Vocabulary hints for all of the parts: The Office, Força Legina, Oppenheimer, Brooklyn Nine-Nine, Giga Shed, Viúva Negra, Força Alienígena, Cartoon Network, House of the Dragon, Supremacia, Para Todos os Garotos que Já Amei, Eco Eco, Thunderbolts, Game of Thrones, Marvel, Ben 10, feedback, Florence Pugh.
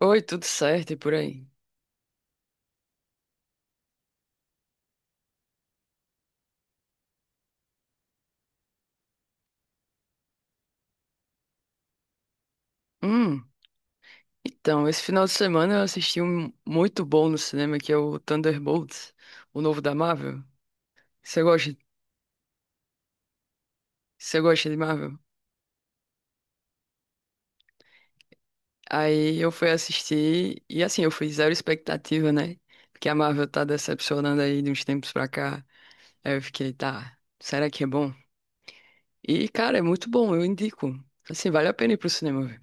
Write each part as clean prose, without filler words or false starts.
Oi, tudo certo e por aí? Hum, então, esse final de semana eu assisti um muito bom no cinema que é o Thunderbolts, o novo da Marvel. Você gosta? Você gosta de Marvel? Aí eu fui assistir e assim, eu fui zero expectativa, né? Porque a Marvel tá decepcionando aí de uns tempos pra cá. Aí eu fiquei, tá, será que é bom? E, cara, é muito bom, eu indico. Assim, vale a pena ir pro cinema ver.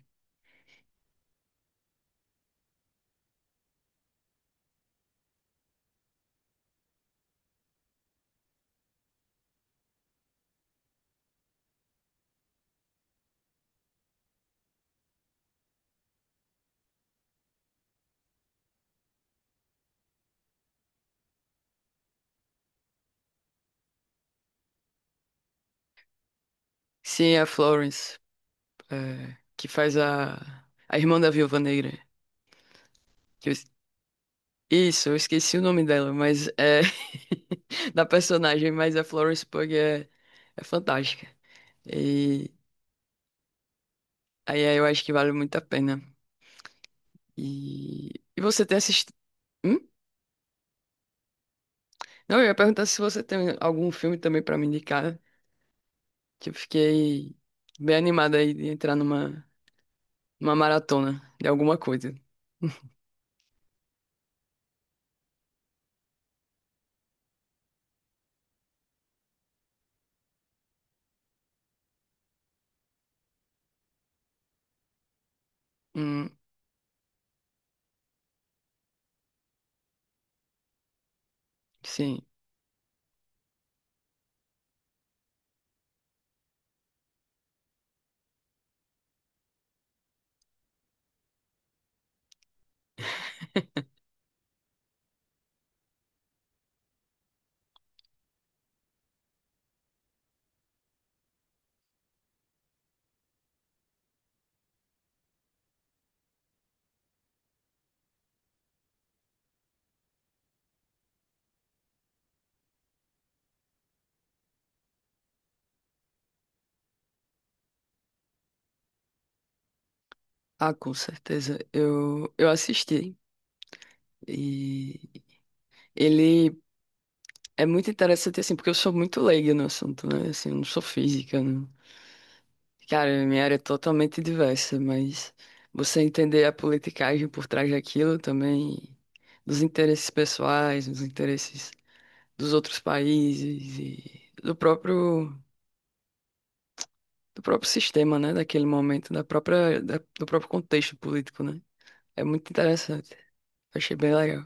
Sim, é a Florence, é, que faz a irmã da Viúva Negra. Isso, eu esqueci o nome dela, mas é da personagem, mas a Florence Pugh é, é fantástica. E aí eu acho que vale muito a pena. E, e você tem assistido? Hum? Não, eu ia perguntar se você tem algum filme também pra me indicar, que eu fiquei bem animada aí de entrar numa maratona de alguma coisa. Hum, sim. Ah, com certeza. Eu assisti. E ele é muito interessante, assim, porque eu sou muito leigo no assunto, né? Assim, eu não sou física, não. Cara, minha área é totalmente diversa, mas você entender a politicagem por trás daquilo também, dos interesses pessoais, dos interesses dos outros países e do próprio sistema, né? Daquele momento, da própria, do próprio contexto político, né? É muito interessante. Achei bem legal.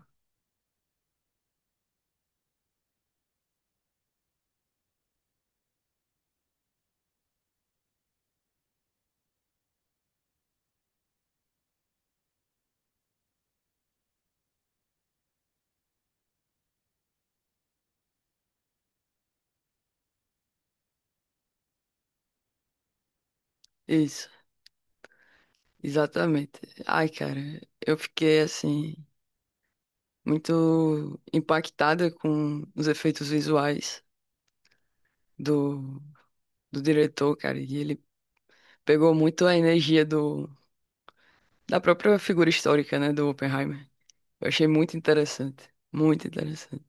Isso, exatamente. Ai, cara, eu fiquei assim, muito impactada com os efeitos visuais do, do diretor, cara. E ele pegou muito a energia do, da própria figura histórica, né, do Oppenheimer. Eu achei muito interessante, muito interessante.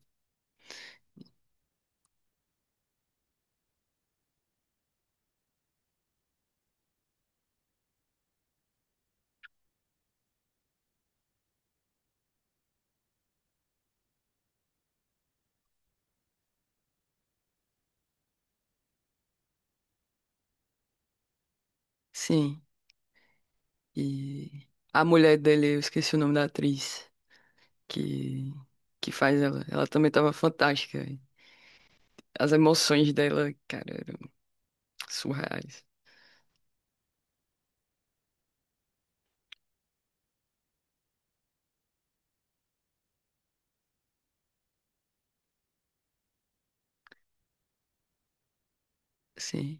Sim, e a mulher dele, eu esqueci o nome da atriz que, que faz ela, ela também tava fantástica. As emoções dela, cara, eram surreais. Sim.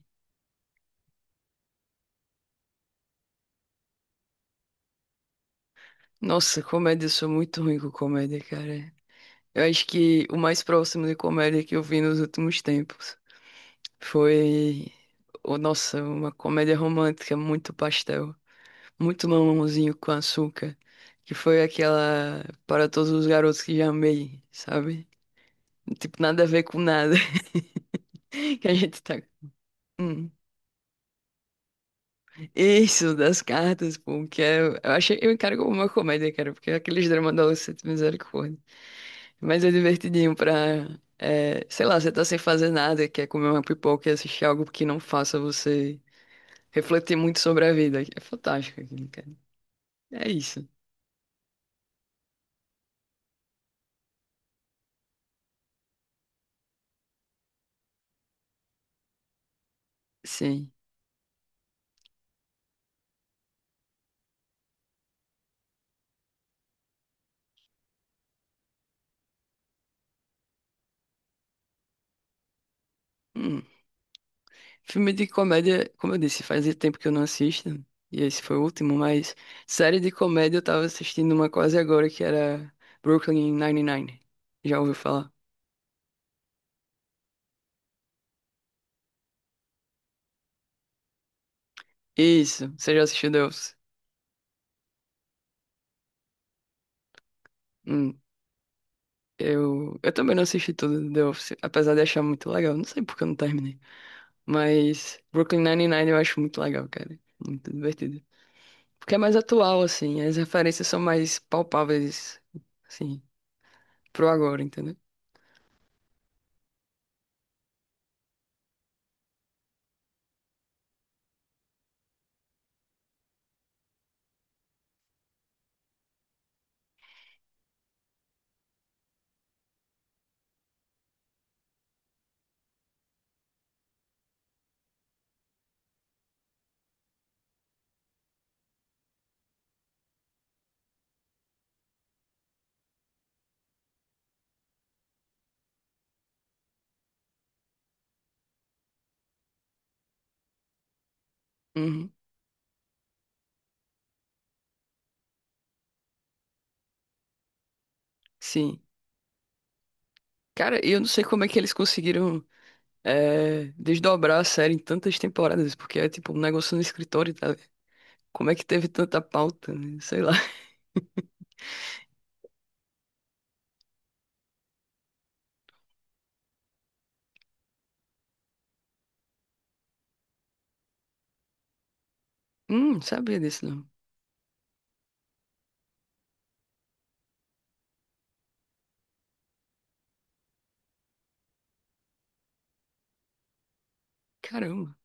Nossa, comédia, eu sou muito ruim com comédia, cara. Eu acho que o mais próximo de comédia que eu vi nos últimos tempos foi, oh, nossa, uma comédia romântica muito pastel, muito mamãozinho com açúcar, que foi aquela Para Todos os Garotos que Já Amei, sabe? Tipo, nada a ver com nada que a gente tá. Hum. Isso, das cartas, pô, que é, eu achei, eu encaro como uma comédia, cara, porque é aqueles dramas adolescentes, misericórdia. Mas é divertidinho pra, é, sei lá, você tá sem fazer nada, quer comer uma pipoca e assistir algo que não faça você refletir muito sobre a vida. É fantástico aquilo, cara. É isso. Sim. Hum. Filme de comédia, como eu disse, fazia tempo que eu não assisto, e esse foi o último, mas série de comédia eu tava assistindo uma quase agora que era Brooklyn Nine-Nine. Já ouviu falar? Isso, você já assistiu The Office? Hum. Eu também não assisti tudo do The Office, apesar de achar muito legal. Não sei porque eu não terminei. Mas Brooklyn Nine-Nine eu acho muito legal, cara. Muito divertido. Porque é mais atual, assim. As referências são mais palpáveis, assim, pro agora, entendeu? Uhum, sim. Cara, eu não sei como é que eles conseguiram desdobrar a série em tantas temporadas, porque é tipo um negócio no escritório, tá? Como é que teve tanta pauta, né? Sei lá. Não sabia disso não. Caramba.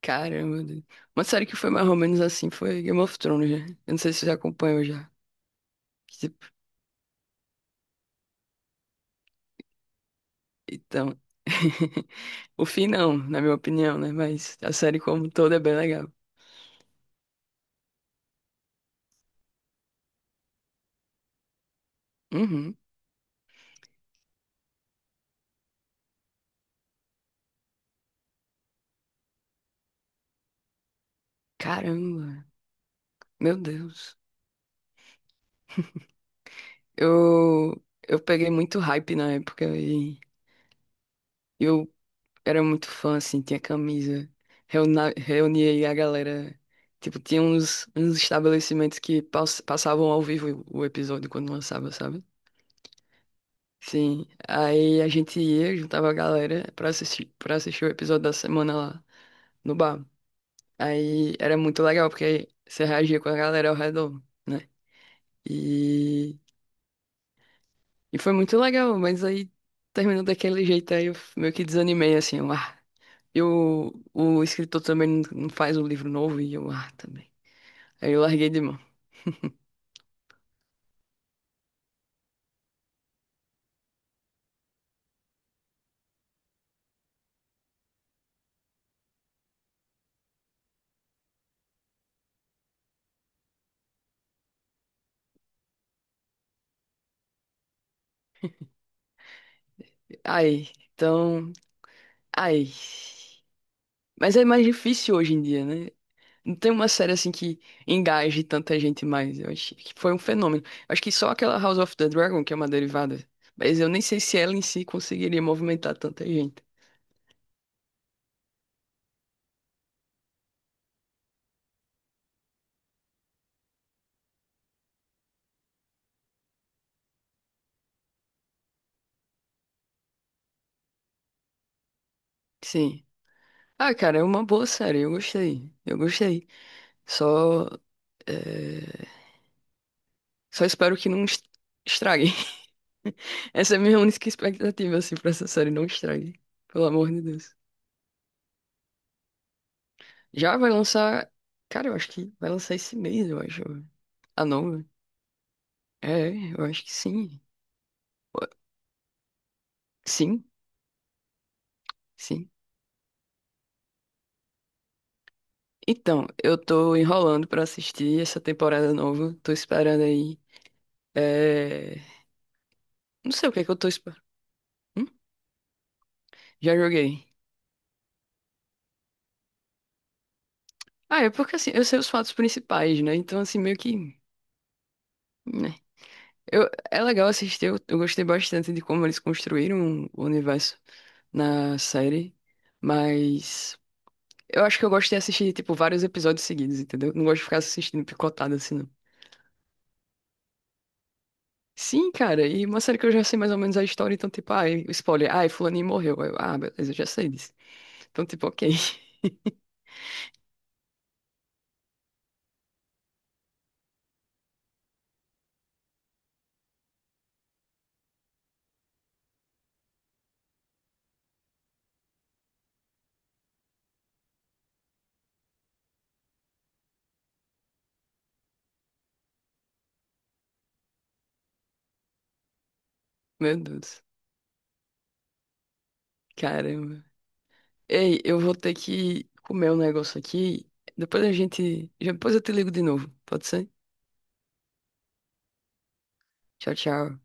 Caramba, Deus. Uma série que foi mais ou menos assim foi Game of Thrones, né? Eu não sei se você já acompanhou já. Tipo, então. O fim não, na minha opinião, né? Mas a série como um todo é bem legal. Uhum. Caramba, meu Deus. Eu, eu peguei muito hype na época e eu era muito fã, assim, tinha camisa. Reunia aí a galera. Tipo, tinha uns, uns estabelecimentos que passavam ao vivo o episódio quando lançava, sabe? Sim. Aí a gente ia, juntava a galera pra assistir o episódio da semana lá no bar. Aí era muito legal, porque você reagia com a galera ao redor, né? E, e foi muito legal, mas aí terminou daquele jeito, aí eu meio que desanimei, assim, eu, ah. E o escritor também não faz um livro novo, e eu, ah, também. Aí eu larguei de mão. Aí, então, aí. Mas é mais difícil hoje em dia, né? Não tem uma série assim que engaje tanta gente mais. Eu acho que foi um fenômeno. Acho que só aquela House of the Dragon, que é uma derivada. Mas eu nem sei se ela em si conseguiria movimentar tanta gente. Sim. Ah, cara, é uma boa série. Eu gostei. Eu gostei. Só eh, só espero que não estrague. Essa é a minha única expectativa, assim, pra essa série. Não estrague. Pelo amor de Deus. Já vai lançar. Cara, eu acho que vai lançar esse mês, eu acho. Ah, não. É, eu acho que sim. Sim, sim. Então, eu tô enrolando pra assistir essa temporada nova. Tô esperando aí. É... Não sei o que é que eu tô esperando. Já joguei. Ah, é porque assim, eu sei os fatos principais, né? Então, assim, meio que. Né? Eu... é legal assistir, eu gostei bastante de como eles construíram o universo na série. Mas. Eu acho que eu gosto de assistir, tipo, vários episódios seguidos, entendeu? Não gosto de ficar assistindo picotado assim. Sim, cara, e uma série que eu já sei mais ou menos a história, então, tipo, ai, spoiler, ai, fulaninho morreu. Aí eu, ah, beleza, eu já sei disso. Então, tipo, ok. Meu Deus, caramba. Ei, eu vou ter que comer um negócio aqui. Depois a gente. Depois eu te ligo de novo, pode ser? Tchau, tchau.